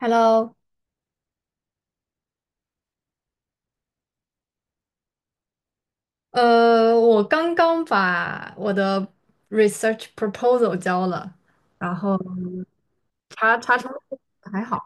Hello。我刚刚把我的 research proposal 交了，然后查查成还好，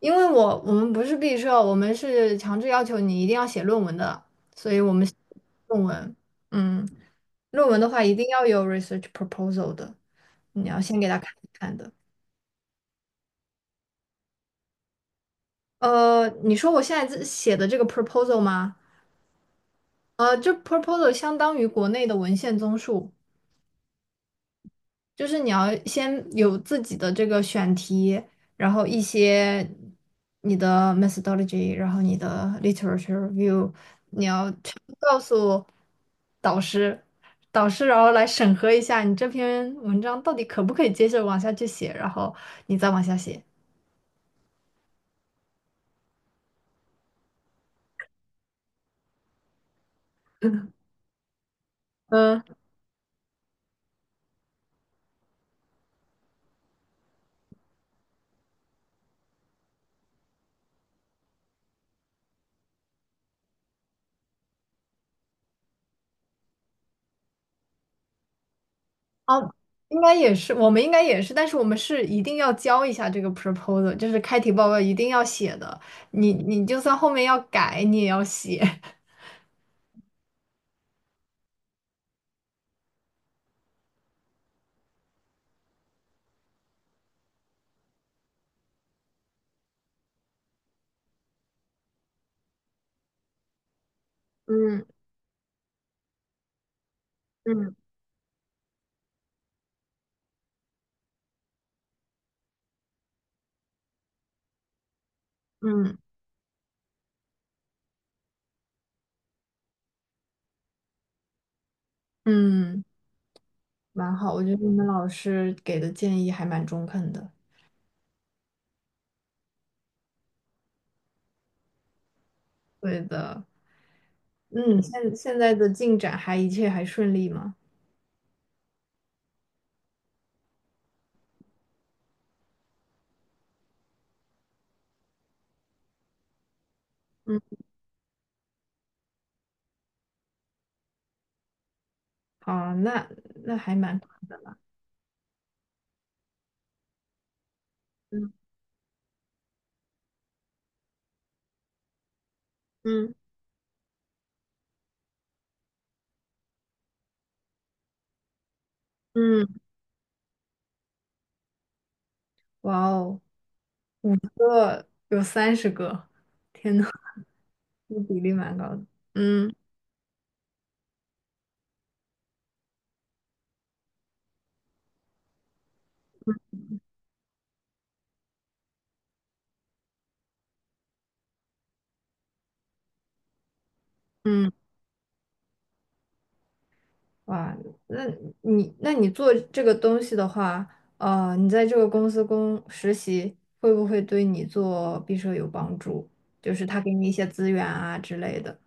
因为我们不是毕设，我们是强制要求你一定要写论文的，所以我们写论文。嗯，论文的话一定要有 research proposal 的，你要先给他看一看的。你说我现在这写的这个 proposal 吗？这 proposal 相当于国内的文献综述。就是你要先有自己的这个选题，然后一些你的 methodology，然后你的 literature review，你要全部告诉导师，导师然后来审核一下你这篇文章到底可不可以接着往下去写，然后你再往下写。嗯，哦，应该也是，我们应该也是，但是我们是一定要交一下这个 proposal，就是开题报告一定要写的，你就算后面要改，你也要写。嗯嗯。嗯嗯，蛮好，我觉得你们老师给的建议还蛮中肯的。对的。嗯，现在的进展还一切还顺利吗？嗯，好，那还蛮快的了。嗯嗯嗯，哇哦，有30个，天呐。这比例蛮高的。嗯嗯。哇，那那你做这个东西的话，你在这个公司实习，会不会对你做毕设有帮助？就是他给你一些资源啊之类的。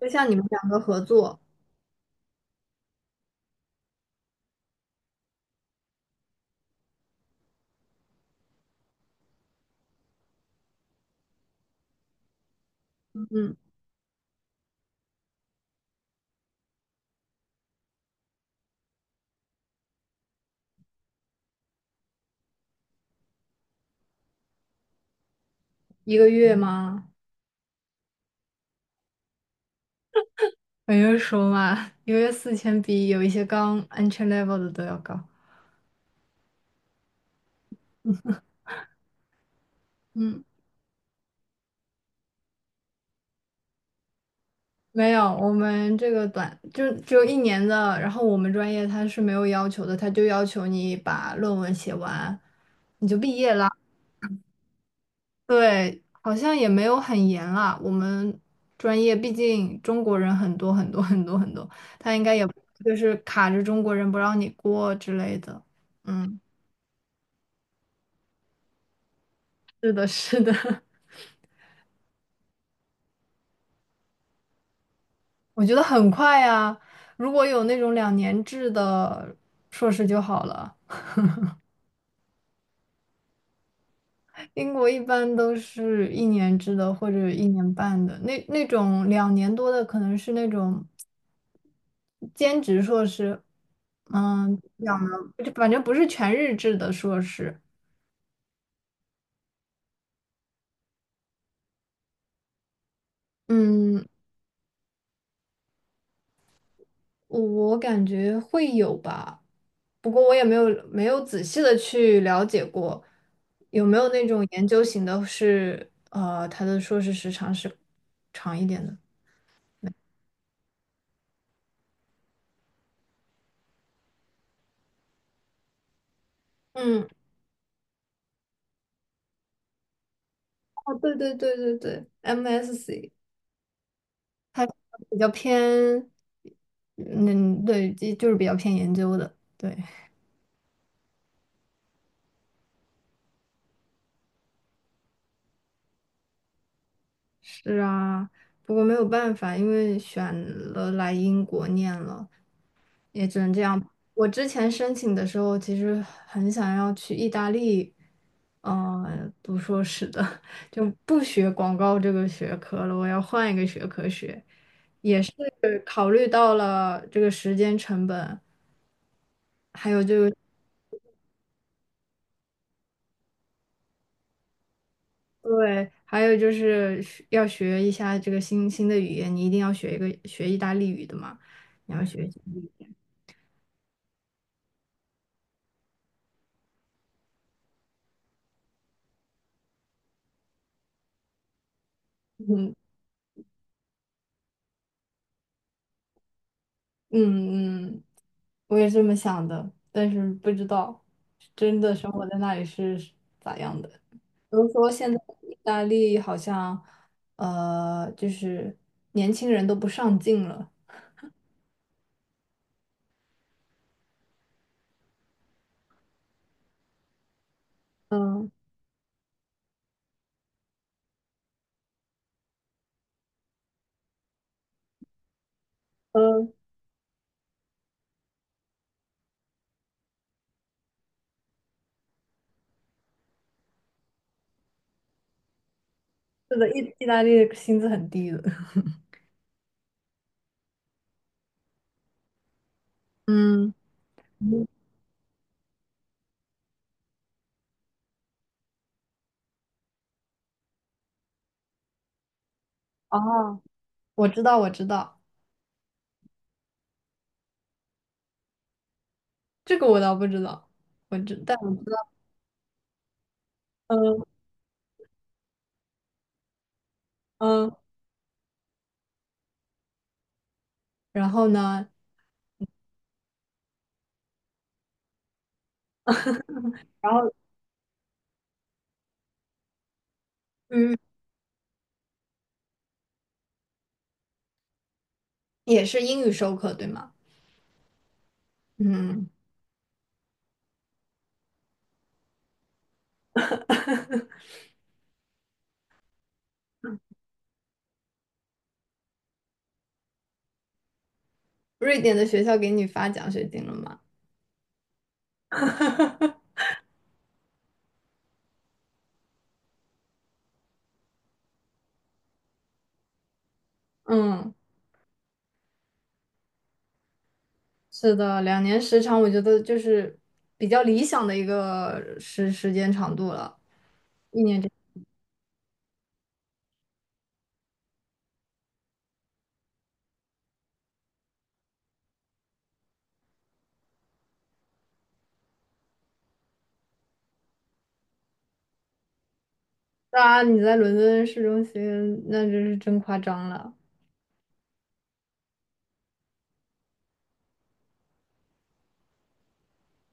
就像你们两个合作。嗯，一个月吗？我就说嘛，一个月4000比有一些刚 entry level 的都要高。嗯，没有，我们这个就只有一年的，然后我们专业它是没有要求的，它就要求你把论文写完，你就毕业啦。对，好像也没有很严啊。我们专业毕竟中国人很多很多很多很多，他应该也不就是卡着中国人不让你过之类的。嗯，是的，是的。我觉得很快呀。如果有那种2年制的硕士就好了。英国一般都是一年制的或者一年半的，那种2年多的可能是那种兼职硕士。怎么讲呢，就反正不是全日制的硕士。嗯，我感觉会有吧，不过我也没有仔细的去了解过，有没有那种研究型的是，他的硕士时长是长一点的。嗯，哦，对对对对对，MSc 比较偏，嗯，对，就是比较偏研究的，对。是啊，不过没有办法，因为选了来英国念了，也只能这样。我之前申请的时候，其实很想要去意大利，读硕士的。就不学广告这个学科了，我要换一个学科学。对，考虑到了这个时间成本，还有就对，还有就是要学一下这个新的语言，你一定要学一个学意大利语的嘛，你要学习。嗯嗯嗯。我也这么想的，但是不知道真的生活在那里是咋样的。比如说，现在意大利好像，就是年轻人都不上进了。嗯嗯，是的，意大利的薪资很低的。嗯，嗯哦，我知道，我知道。这个我倒不知道，我知，但我嗯嗯，然后呢？然后嗯，也是英语授课，对吗？嗯，瑞典的学校给你发奖学金了吗？哈哈哈。嗯，是的，两年时长，我觉得就是比较理想的一个时间长度了。当然，你在伦敦市中心，那真是真夸张了。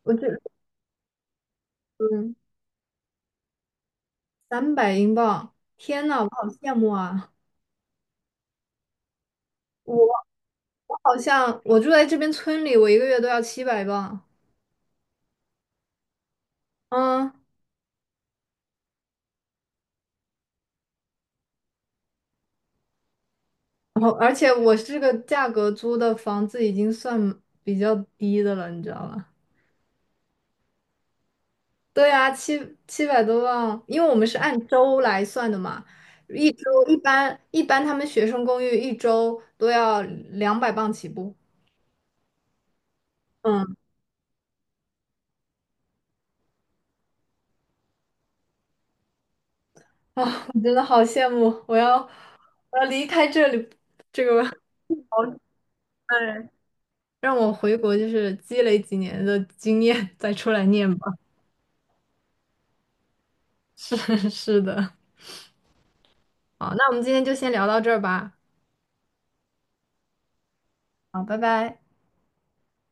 我觉得，嗯，300英镑，天呐，我好羡慕啊！我我好像我住在这边村里，我一个月都要700镑。嗯，然后而且我这个价格租的房子已经算比较低的了，你知道吗？对啊，七百多万，因为我们是按周来算的嘛，一周一般他们学生公寓一周都要200磅起步。嗯。啊，我真的好羡慕，我要离开这里，这个，哎，让我回国就是积累几年的经验再出来念吧。是是的，好，那我们今天就先聊到这儿吧。好，拜拜。